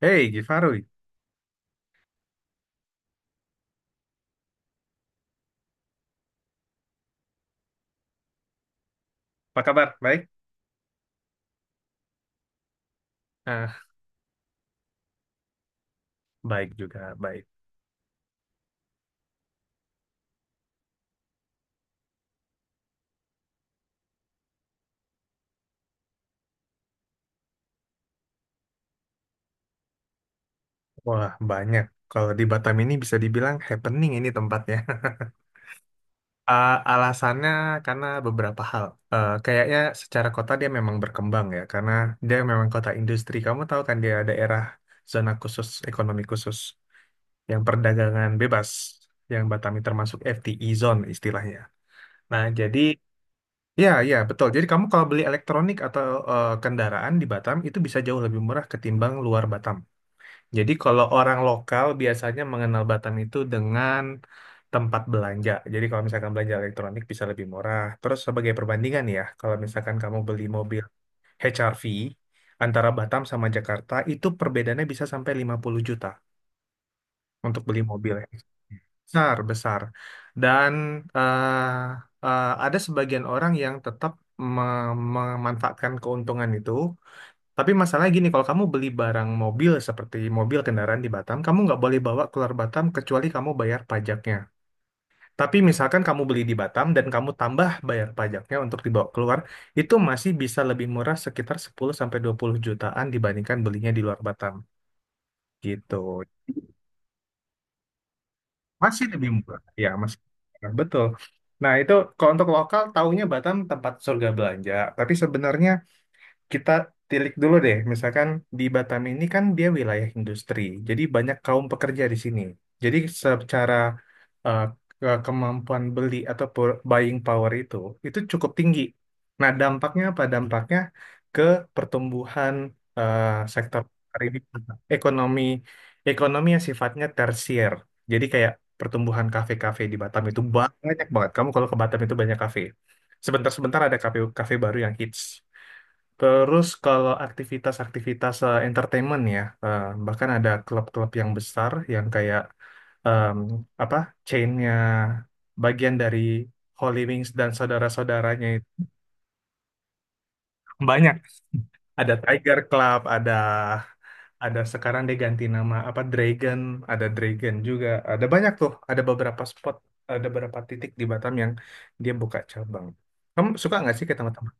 Hey, Gifarui, apa kabar? Baik? Ah, baik juga, baik. Wah, banyak. Kalau di Batam ini bisa dibilang happening ini tempatnya. Ah, alasannya karena beberapa hal. Kayaknya secara kota dia memang berkembang ya, karena dia memang kota industri. Kamu tahu kan dia daerah zona khusus, ekonomi khusus, yang perdagangan bebas, yang Batam ini termasuk FTE zone istilahnya. Nah, jadi ya, ya, betul. Jadi kamu kalau beli elektronik atau kendaraan di Batam itu bisa jauh lebih murah ketimbang luar Batam. Jadi kalau orang lokal biasanya mengenal Batam itu dengan tempat belanja. Jadi kalau misalkan belanja elektronik bisa lebih murah. Terus sebagai perbandingan ya, kalau misalkan kamu beli mobil HRV antara Batam sama Jakarta itu perbedaannya bisa sampai 50 juta untuk beli mobil ya. Besar, besar. Dan eh, ada sebagian orang yang tetap me- memanfaatkan keuntungan itu. Tapi masalahnya gini, kalau kamu beli barang mobil seperti mobil kendaraan di Batam, kamu nggak boleh bawa keluar Batam kecuali kamu bayar pajaknya. Tapi misalkan kamu beli di Batam dan kamu tambah bayar pajaknya untuk dibawa keluar, itu masih bisa lebih murah sekitar 10 sampai 20 jutaan dibandingkan belinya di luar Batam. Gitu. Masih lebih murah. Ya, masih. Nah, betul. Nah, itu kalau untuk lokal, taunya Batam tempat surga belanja. Tapi sebenarnya kita tilik dulu deh, misalkan di Batam ini kan dia wilayah industri, jadi banyak kaum pekerja di sini. Jadi secara eh, kemampuan beli atau buying power itu cukup tinggi. Nah, dampaknya apa? Dampaknya ke pertumbuhan eh, sektor pariwisata, ekonomi, ekonomi yang sifatnya tersier. Jadi kayak pertumbuhan kafe-kafe di Batam itu banyak banget. Kamu kalau ke Batam itu banyak kafe. Sebentar-sebentar ada kafe kafe baru yang hits. Terus kalau aktivitas-aktivitas entertainment ya, bahkan ada klub-klub yang besar yang kayak em, apa chainnya bagian dari Holy Wings dan saudara-saudaranya itu banyak. Ada Tiger Club, ada sekarang dia ganti nama apa Dragon, ada Dragon juga. Ada banyak tuh, ada beberapa spot, ada beberapa titik di Batam yang dia buka cabang. Kamu suka nggak sih ke tempat-tempat?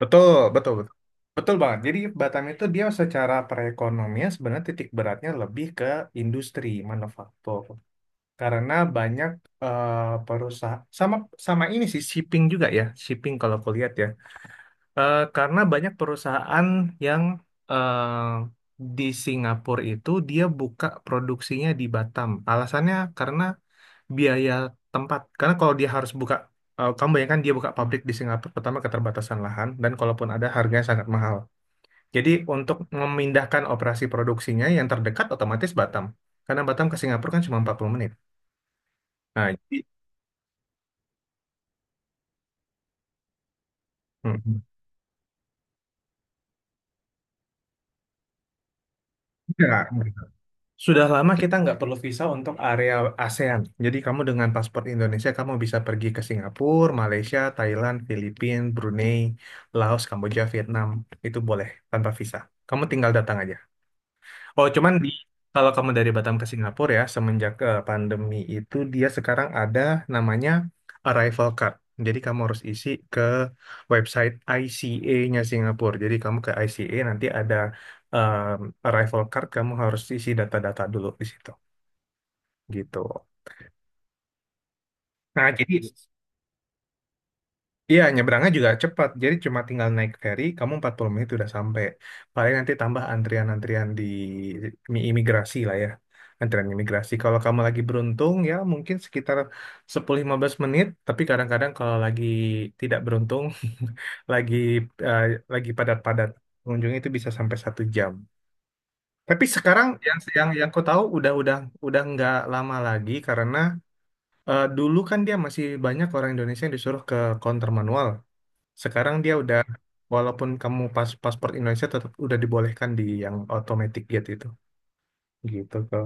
Betul, betul, betul. Betul banget. Jadi Batam itu dia secara perekonomian sebenarnya titik beratnya lebih ke industri manufaktur. Karena banyak eh, perusahaan sama sama ini sih shipping juga ya, shipping kalau kulihat ya. Karena banyak perusahaan yang eh, di Singapura itu dia buka produksinya di Batam. Alasannya karena biaya tempat. Karena kalau dia harus buka, kamu bayangkan dia buka pabrik di Singapura, pertama keterbatasan lahan, dan kalaupun ada harganya sangat mahal. Jadi untuk memindahkan operasi produksinya yang terdekat otomatis Batam. Karena Batam ke Singapura kan cuma 40 menit. Nah, jadi mhm. Ya, sudah lama kita nggak perlu visa untuk area ASEAN. Jadi kamu dengan paspor Indonesia, kamu bisa pergi ke Singapura, Malaysia, Thailand, Filipina, Brunei, Laos, Kamboja, Vietnam. Itu boleh tanpa visa. Kamu tinggal datang aja. Oh, cuman di kalau kamu dari Batam ke Singapura ya, semenjak pandemi itu dia sekarang ada namanya arrival card. Jadi kamu harus isi ke website ICA-nya Singapura. Jadi kamu ke ICA nanti ada em, arrival card, kamu harus isi data-data dulu di situ. Gitu. Nah, jadi iya, nyebrangnya juga cepat. Jadi cuma tinggal naik ferry, kamu 40 menit udah sampai. Paling nanti tambah antrian-antrian di imigrasi lah ya. Antrian imigrasi. Kalau kamu lagi beruntung ya mungkin sekitar 10-15 menit. Tapi kadang-kadang kalau lagi tidak beruntung, lagi eh, lagi padat-padat pengunjungnya itu bisa sampai 1 jam. Tapi sekarang yang aku tahu udah nggak lama lagi karena dulu kan dia masih banyak orang Indonesia yang disuruh ke counter manual. Sekarang dia udah, walaupun kamu pas paspor Indonesia tetap udah dibolehkan di yang automatic gate itu, gitu kok.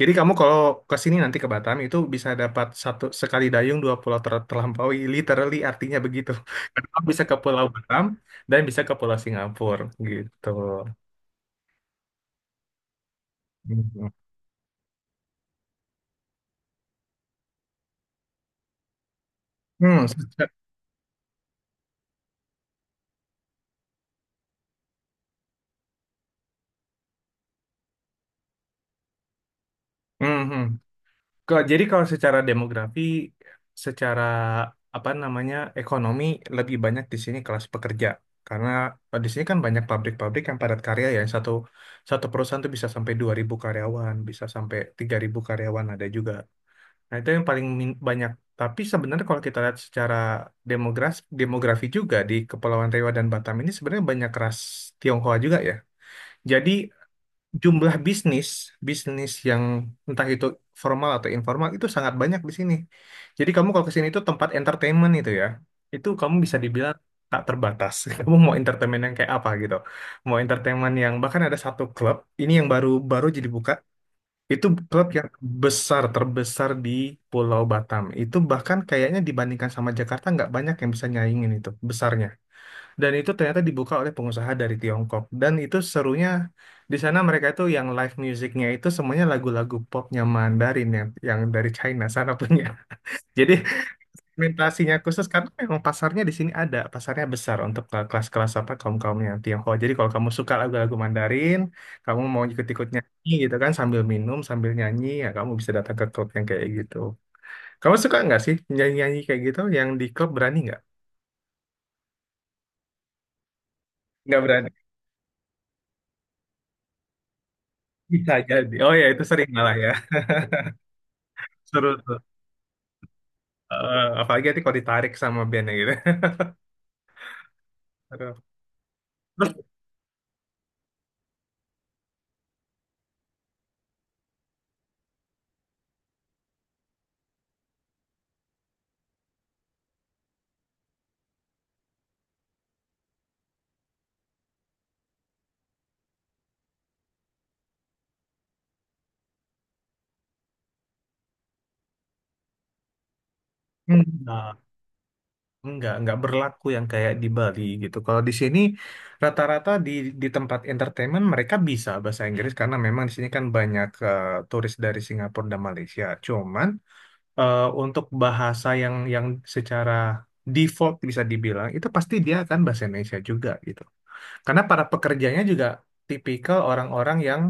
Jadi kamu kalau ke sini nanti ke Batam itu bisa dapat satu sekali dayung dua pulau terlampaui, literally artinya begitu. Karena kamu bisa ke Pulau Batam dan bisa ke Pulau Singapura gitu. Mhm. Hmm, mhm. Kalau jadi kalau secara demografi, secara apa namanya ekonomi lebih banyak di sini kelas pekerja karena di sini kan banyak pabrik-pabrik yang padat karya ya satu satu perusahaan tuh bisa sampai 2.000 karyawan, bisa sampai 3.000 karyawan ada juga. Nah itu yang paling banyak. Tapi sebenarnya kalau kita lihat secara demografi demografi juga di Kepulauan Riau dan Batam ini sebenarnya banyak ras Tionghoa juga ya. Jadi jumlah bisnis bisnis yang entah itu formal atau informal itu sangat banyak di sini. Jadi kamu kalau ke sini itu tempat entertainment itu ya, itu kamu bisa dibilang tak terbatas. Kamu mau entertainment yang kayak apa gitu? Mau entertainment yang bahkan ada satu klub ini yang baru baru jadi buka itu klub yang terbesar di Pulau Batam. Itu bahkan kayaknya dibandingkan sama Jakarta nggak banyak yang bisa nyaingin itu besarnya. Dan itu ternyata dibuka oleh pengusaha dari Tiongkok. Dan itu serunya di sana mereka itu yang live musicnya itu semuanya lagu-lagu popnya Mandarin yang dari China sana punya. Jadi segmentasinya khusus karena memang pasarnya di sini ada, pasarnya besar untuk kelas-kelas apa kaum-kaumnya Tionghoa. Jadi kalau kamu suka lagu-lagu Mandarin, kamu mau ikut-ikut nyanyi gitu kan sambil minum, sambil nyanyi, ya kamu bisa datang ke klub yang kayak gitu. Kamu suka nggak sih nyanyi-nyanyi kayak gitu? Yang di klub berani nggak? Nggak berani. Bisa jadi. Oh ya, itu sering malah ya. Seru tuh. Apalagi nanti kalau ditarik sama bandnya gitu. Aduh. Terus enggak, enggak berlaku yang kayak di Bali gitu. Kalau di sini rata-rata di tempat entertainment mereka bisa bahasa Inggris karena memang di sini kan banyak turis dari Singapura dan Malaysia. Cuman untuk bahasa yang secara default bisa dibilang itu pasti dia akan bahasa Indonesia juga gitu. Karena para pekerjanya juga tipikal orang-orang yang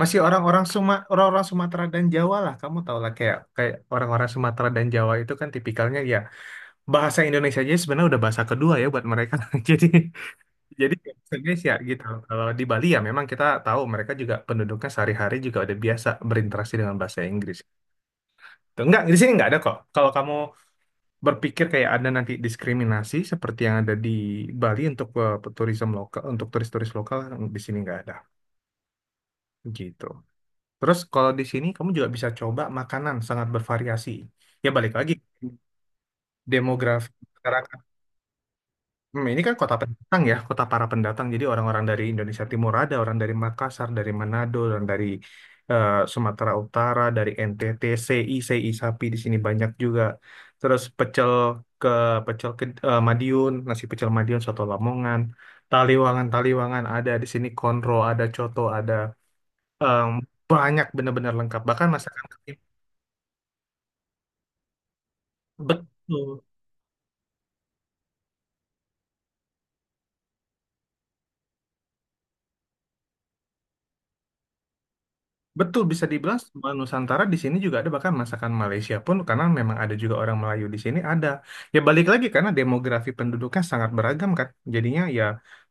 masih orang-orang orang-orang Sumatera dan Jawa lah, kamu tau lah kayak kayak orang-orang Sumatera dan Jawa itu kan tipikalnya ya bahasa Indonesia aja sebenarnya udah bahasa kedua ya buat mereka. Jadi jadi kayak bahasa Indonesia gitu. Kalau di Bali ya memang kita tahu mereka juga penduduknya sehari-hari juga udah biasa berinteraksi dengan bahasa Inggris. Tuh, enggak, di sini nggak ada kok. Kalau kamu berpikir kayak ada nanti diskriminasi seperti yang ada di Bali untuk turisme lokal, untuk turis-turis lokal di sini nggak ada. Gitu. Terus kalau di sini kamu juga bisa coba makanan sangat bervariasi. Ya balik lagi demografi masyarakat. Hmm, ini kan kota pendatang ya, kota para pendatang. Jadi orang-orang dari Indonesia Timur ada, orang dari Makassar, dari Manado, orang dari Sumatera Utara, dari NTT, CI, CI sapi di sini banyak juga. Terus ke Madiun, nasi pecel Madiun, soto Lamongan, Taliwangan ada di sini, konro ada, coto ada. Em, Banyak benar-benar lengkap. Bahkan masakan betul. Betul bisa dibilang semua Nusantara di sini juga ada bahkan masakan Malaysia pun karena memang ada juga orang Melayu di sini ada. Ya balik lagi karena demografi penduduknya sangat beragam kan. Jadinya ya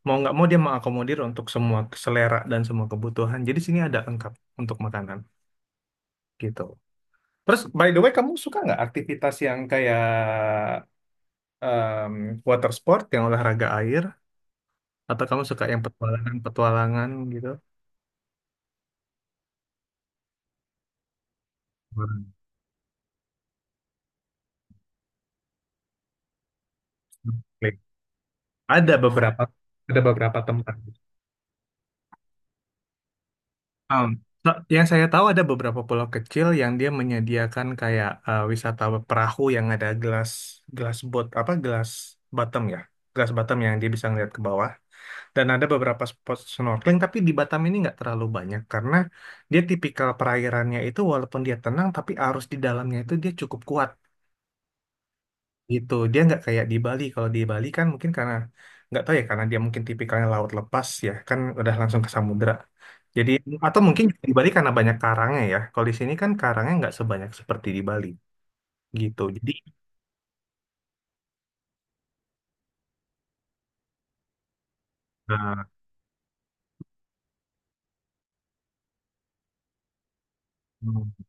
mau nggak mau dia mengakomodir untuk semua selera dan semua kebutuhan. Jadi sini ada lengkap untuk makanan gitu. Terus by the way kamu suka nggak aktivitas yang kayak em, water sport yang olahraga air atau kamu suka yang petualangan-petualangan gitu? Hmm. Ada beberapa ada beberapa tempat. Um, yang saya tahu ada beberapa pulau kecil yang dia menyediakan kayak wisata perahu yang ada gelas gelas boat apa gelas bottom ya, gelas bottom yang dia bisa ngeliat ke bawah. Dan ada beberapa spot snorkeling tapi di Batam ini nggak terlalu banyak karena dia tipikal perairannya itu walaupun dia tenang tapi arus di dalamnya itu dia cukup kuat gitu. Dia nggak kayak di Bali. Kalau di Bali kan mungkin karena nggak tahu ya karena dia mungkin tipikalnya laut lepas ya kan udah langsung ke samudra. Jadi atau mungkin juga di Bali karena banyak karangnya ya. Kalau di sini kan karangnya nggak sebanyak seperti di Bali gitu. Eh, hmm,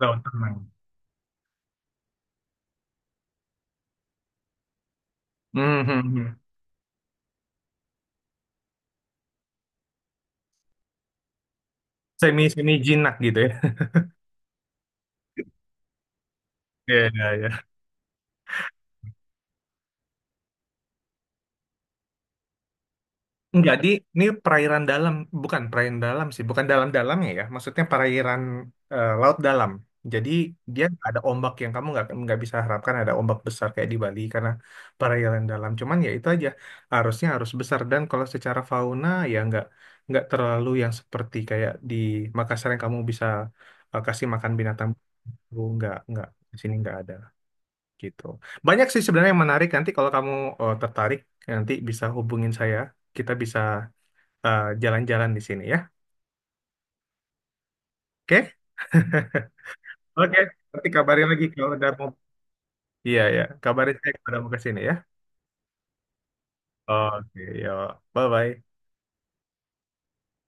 Laut tenang. Hmm, hmm, hmm. Semi Semi jinak gitu ya. Iya iya. Enggak, di ini perairan dalam, bukan perairan dalam sih, bukan dalam-dalamnya ya. Ya, maksudnya perairan laut dalam. Jadi dia nggak ada ombak yang kamu nggak bisa harapkan ada ombak besar kayak di Bali karena perairan dalam. Cuman ya itu aja harusnya harus besar dan kalau secara fauna ya nggak terlalu yang seperti kayak di Makassar yang kamu bisa kasih makan binatang baru nggak di sini nggak ada gitu. Banyak sih sebenarnya yang menarik nanti kalau kamu tertarik nanti bisa hubungin saya kita bisa jalan-jalan di sini ya. Oke? Oke. Nanti kabarin lagi kalau udah mau. Iya, ya. Kabarin saya kalau udah mau ke sini ya. Oke, yuk. Bye-bye.